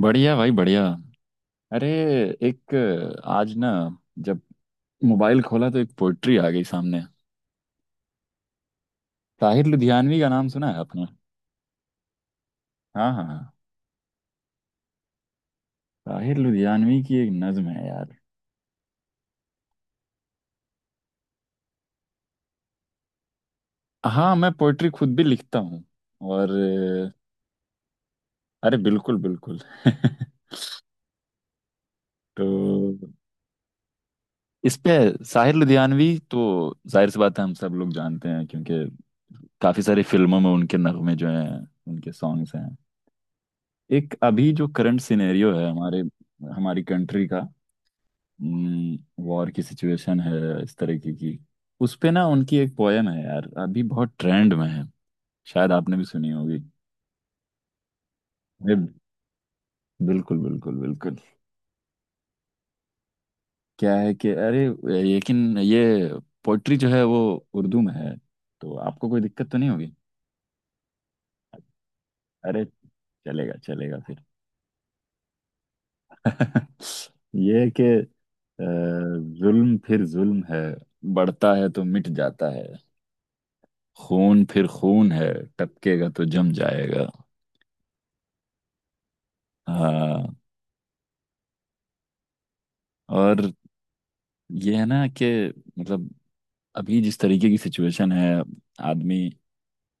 बढ़िया भाई बढ़िया। अरे, एक, आज ना जब मोबाइल खोला तो एक पोइट्री आ गई सामने। ताहिर लुधियानवी का नाम सुना है आपने? हाँ, हाँ, हाँ। ताहिर लुधियानवी की एक नज्म है यार। हाँ, मैं पोइट्री खुद भी लिखता हूँ और अरे बिल्कुल बिल्कुल। तो इस पे ताहिर लुधियानवी तो जाहिर सी बात है, हम सब लोग जानते हैं क्योंकि काफी सारी फिल्मों में उनके नगमे जो हैं, उनके सॉन्ग्स हैं। एक अभी जो करंट सिनेरियो है हमारे, हमारी कंट्री का, वॉर की सिचुएशन है इस तरीके की। उस पे ना उनकी एक पोयम है यार, अभी बहुत ट्रेंड में है, शायद आपने भी सुनी होगी। अरे बिल्कुल बिल्कुल बिल्कुल। क्या है कि अरे, लेकिन ये पोइट्री जो है वो उर्दू में है, तो आपको कोई दिक्कत तो नहीं होगी। अरे चलेगा चलेगा फिर। ये है कि जुल्म फिर जुल्म है, बढ़ता है तो मिट जाता है। खून फिर खून है, टपकेगा तो जम जाएगा। हाँ। और ये है ना कि मतलब अभी जिस तरीके की सिचुएशन है, आदमी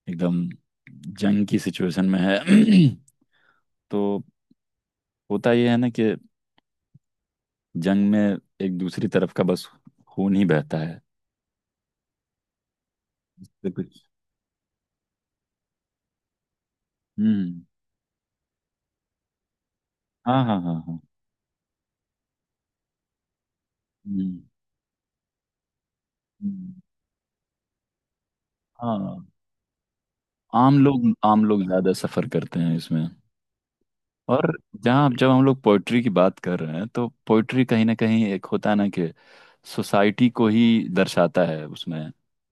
एकदम जंग की सिचुएशन में है। तो होता ये है ना कि जंग में एक दूसरी तरफ का बस खून ही बहता है, इससे कुछ। हम्म। हाँ, हाँ, हाँ, हाँ। हम्म, हम्म। हाँ। आम लोग ज्यादा सफर करते हैं इसमें। और जहाँ जब हम लोग पोइट्री की बात कर रहे हैं, तो पोइट्री कहीं ना कहीं एक होता है ना कि सोसाइटी को ही दर्शाता है, उसमें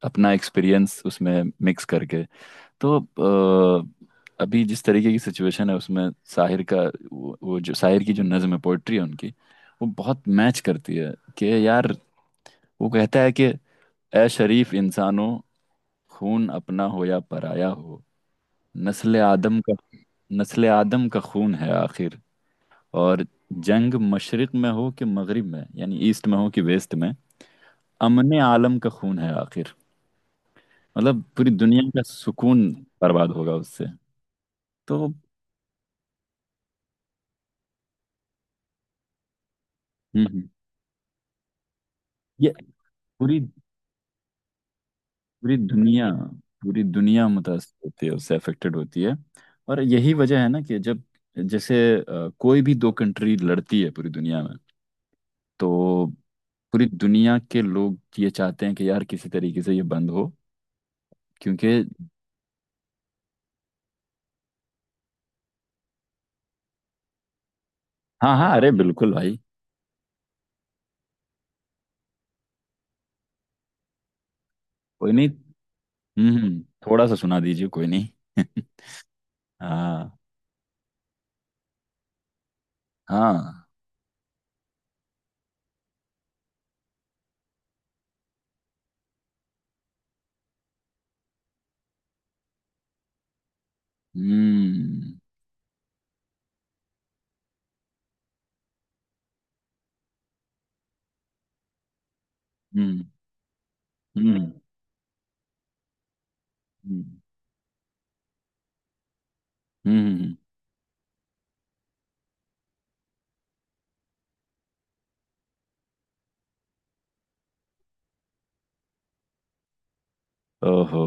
अपना एक्सपीरियंस उसमें मिक्स करके। तो अभी जिस तरीके की सिचुएशन है उसमें शाहिर का वो जो शाहिर की जो नज्म है, पोइट्री है उनकी, वो बहुत मैच करती है कि यार, वो कहता है कि ए शरीफ इंसानों, खून अपना हो या पराया हो, नस्ल आदम का नस्ल आदम का खून है आखिर। और जंग मशरिक में हो कि मगरिब में, यानी ईस्ट में हो कि वेस्ट में, अमने आलम का खून है आखिर। मतलब पूरी दुनिया का सुकून बर्बाद होगा उससे। तो हम्म। हम्म। ये पूरी पूरी दुनिया पूरी दुनिया मुतासर होती है उससे, अफेक्टेड होती है। और यही वजह है ना कि जब, जैसे कोई भी दो कंट्री लड़ती है पूरी दुनिया में, तो पूरी दुनिया के लोग ये चाहते हैं कि यार किसी तरीके से ये बंद हो, क्योंकि। हाँ, हाँ, अरे बिल्कुल भाई। कोई नहीं। हम्म। थोड़ा सा सुना दीजिए, कोई नहीं। हाँ। हाँ। हम्म। हम्म। हम्म। हम्म। हम्म। हम्म। ओहो।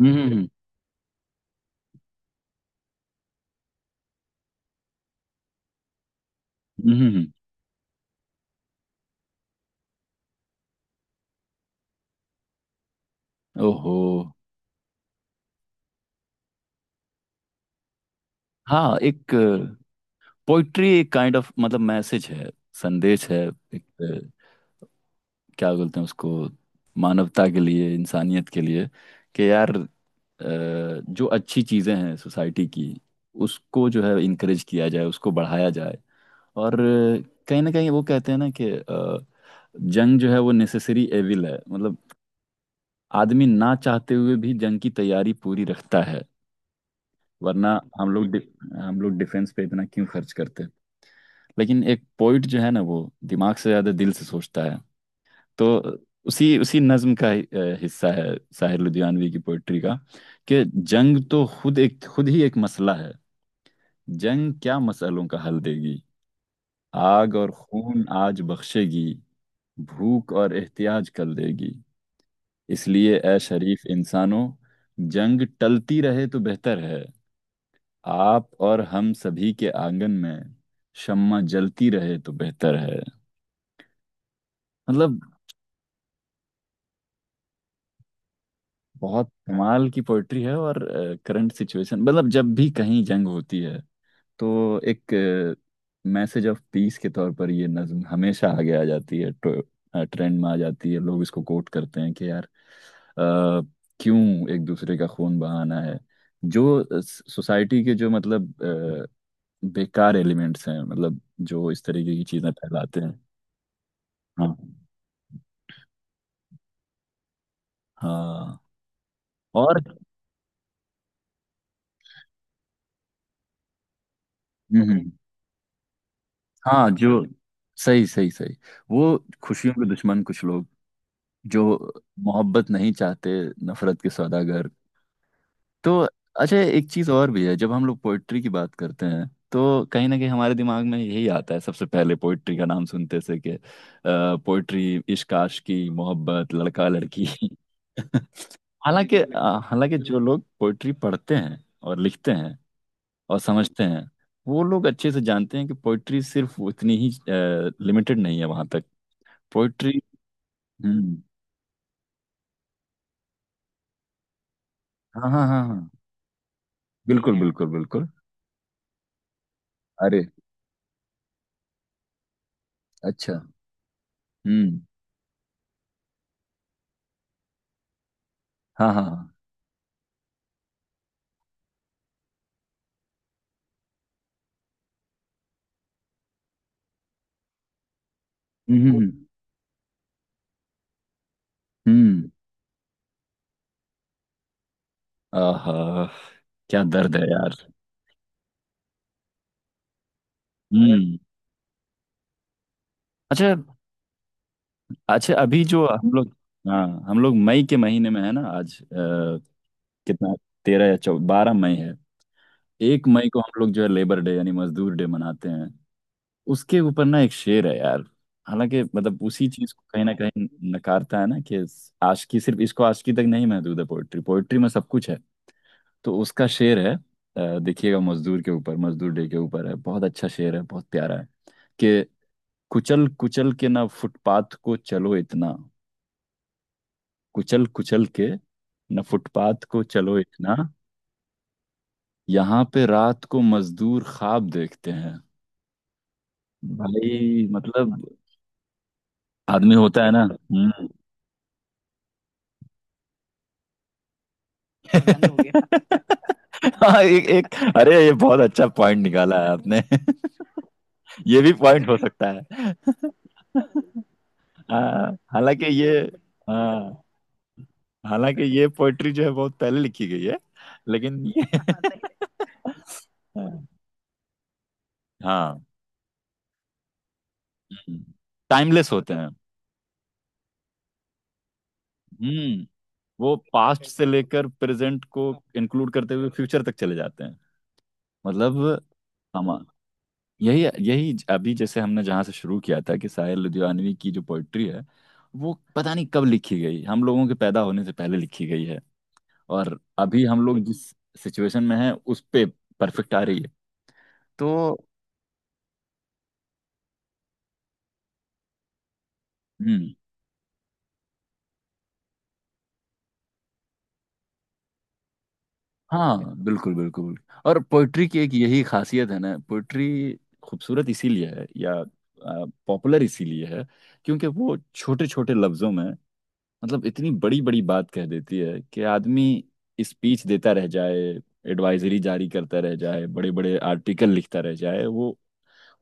हम्म। हम्म। हम्म। हम्म। हम्म। ओहो। हाँ, एक पोइट्री एक काइंड ऑफ मतलब मैसेज है, संदेश है। एक क्या बोलते हैं उसको, मानवता के लिए, इंसानियत के लिए, कि यार अ, जो अच्छी चीज़ें हैं सोसाइटी की, उसको जो है इनक्रेज किया जाए, उसको बढ़ाया जाए। और कहीं ना कहीं वो कहते हैं ना कि जंग जो है वो नेसेसरी एविल है, मतलब आदमी ना चाहते हुए भी जंग की तैयारी पूरी रखता है, वरना हम लोग डि, हम लोग डिफेंस पे इतना क्यों खर्च करते हैं। लेकिन एक पोइट जो है ना, वो दिमाग से ज्यादा दिल से सोचता है। तो उसी उसी नज्म का ही हिस्सा है, साहिर लुधियानवी की पोइट्री का, कि जंग तो खुद ही एक मसला है। जंग क्या मसलों का हल देगी, आग और खून आज बख्शेगी, भूख और एहतियाज कर देगी। इसलिए ए शरीफ इंसानों, जंग टलती रहे तो बेहतर है, आप और हम सभी के आंगन में शम्मा जलती रहे तो बेहतर है। मतलब बहुत कमाल की पोइट्री है। और करंट सिचुएशन, मतलब जब भी कहीं जंग होती है, तो एक मैसेज ऑफ पीस के तौर पर ये नज्म हमेशा आगे आ जाती है, ट्रेंड में आ जाती है, लोग इसको कोट करते हैं कि यार अ, क्यों एक दूसरे का खून बहाना है। जो सोसाइटी के जो मतलब बेकार एलिमेंट्स हैं, मतलब जो इस तरीके की चीजें फैलाते हैं। हाँ, हाँ। और। हम्म, हम्म। हाँ जो सही सही सही। वो खुशियों के दुश्मन कुछ लोग जो मोहब्बत नहीं चाहते, नफरत के सौदागर। तो अच्छा, एक चीज और भी है, जब हम लोग पोइट्री की बात करते हैं तो कहीं ना कहीं हमारे दिमाग में यही आता है सबसे पहले, पोइट्री का नाम सुनते से कि पोइट्री इश्क आशिकी मोहब्बत लड़का लड़की। हालांकि हालांकि जो लोग पोइट्री पढ़ते हैं और लिखते हैं और समझते हैं, वो लोग अच्छे से जानते हैं कि पोइट्री सिर्फ उतनी ही लिमिटेड नहीं है वहां तक। पोइट्री। हम्म। हाँ, हाँ, हाँ, हाँ। बिल्कुल बिल्कुल बिल्कुल। अरे। अच्छा। हम्म। हाँ, हाँ, हाँ। हम्म, हम्म। हम्म। हम्म। आहा, क्या दर्द है यार। हम्म। अच्छा। अच्छा, अभी जो हम लोग, हाँ, हम लोग मई के महीने में है ना आज, कितना, तेरह या चौ 12 मई है। 1 मई को हम लोग जो है लेबर डे, यानी मजदूर डे मनाते हैं। उसके ऊपर ना एक शेर है यार, हालांकि मतलब उसी चीज को कहीं ना कहीं नकारता है ना, कि आशिकी सिर्फ, इसको आशिकी तक नहीं महदूद है, पोइट्री, पोइट्री में सब कुछ है। तो उसका शेर है देखिएगा, मजदूर के ऊपर, मजदूर डे के ऊपर है, बहुत अच्छा शेर है, बहुत प्यारा है, कि कुचल कुचल के ना फुटपाथ को चलो इतना कुचल कुचल के ना फुटपाथ को चलो इतना, यहाँ पे रात को मजदूर ख्वाब देखते हैं। भाई मतलब, आदमी होता है ना बंद। हो गया। हम्म। हाँ, एक एक अरे ये बहुत अच्छा पॉइंट निकाला है आपने। ये भी पॉइंट हो सकता है। हाँ हालांकि ये हाँ हालांकि ये पोइट्री जो है बहुत पहले लिखी गई है, लेकिन ये। हाँ, टाइमलेस होते हैं। हम्म। वो पास्ट से लेकर प्रेजेंट को इंक्लूड करते हुए फ्यूचर तक चले जाते हैं। मतलब हम यही यही अभी जैसे हमने जहाँ से शुरू किया था, कि साहिर लुधियानवी की जो पोइट्री है, वो पता नहीं कब लिखी गई, हम लोगों के पैदा होने से पहले लिखी गई है, और अभी हम लोग जिस सिचुएशन में हैं उस पे परफेक्ट आ रही है। तो हम्म। हाँ बिल्कुल बिल्कुल। और पोइट्री की एक यही खासियत है ना, पोइट्री खूबसूरत इसीलिए है या पॉपुलर इसीलिए है, क्योंकि वो छोटे छोटे लफ्जों में मतलब इतनी बड़ी बड़ी बात कह देती है, कि आदमी स्पीच देता रह जाए, एडवाइजरी जारी करता रह जाए, बड़े बड़े आर्टिकल लिखता रह जाए,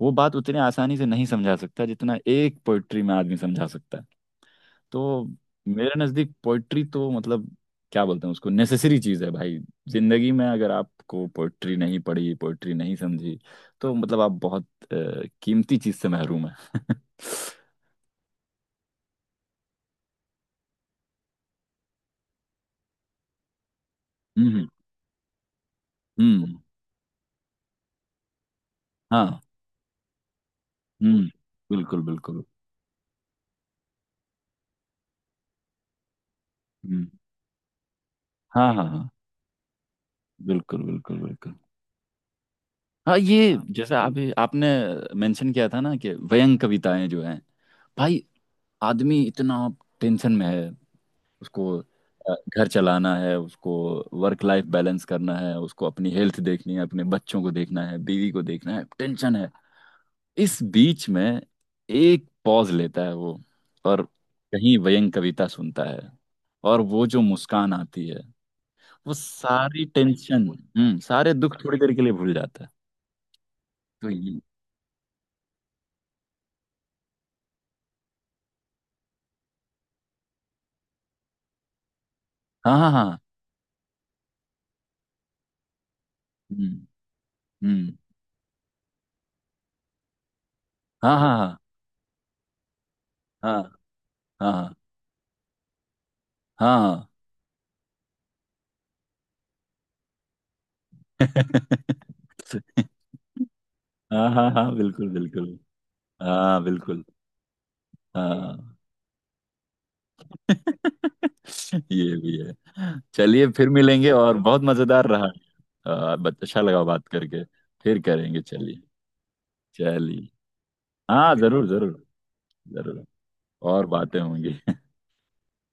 वो बात उतनी आसानी से नहीं समझा सकता जितना एक पोइट्री में आदमी समझा सकता है। तो मेरे नज़दीक पोइट्री तो मतलब क्या बोलते हैं उसको, नेसेसरी चीज़ है भाई। जिंदगी में अगर आपको पोइट्री नहीं पढ़ी, पोइट्री नहीं समझी, तो मतलब आप बहुत कीमती चीज़ से महरूम है। हम्म। हम्म। हम्म। हाँ। हम्म, बिल्कुल बिल्कुल। हम्म। हाँ, हाँ, हाँ, बिल्कुल बिल्कुल बिल्कुल। हाँ, ये जैसे आप आपने मेंशन किया था ना कि व्यंग कविताएं जो हैं, भाई आदमी इतना टेंशन में है, उसको घर चलाना है, उसको वर्क लाइफ बैलेंस करना है, उसको अपनी हेल्थ देखनी है, अपने बच्चों को देखना है, बीवी को देखना है, टेंशन है। इस बीच में एक पॉज लेता है वो, और कहीं व्यंग कविता सुनता है, और वो जो मुस्कान आती है, वो सारी टेंशन। हम्म, सारे दुख थोड़ी देर के लिए भूल जाता है। तो ये। हाँ, हाँ, हाँ। हम्म, हम्म। हाँ, हाँ, हाँ, हाँ। हाँ, हाँ। हाँ, हाँ, हाँ, हाँ, बिल्कुल बिल्कुल। हाँ बिल्कुल। हाँ। ये भी है, चलिए फिर मिलेंगे, और बहुत मजेदार रहा। अच्छा लगा बात करके। फिर करेंगे, चलिए। चलिए। हाँ, जरूर जरूर। जरूर। और बातें होंगी।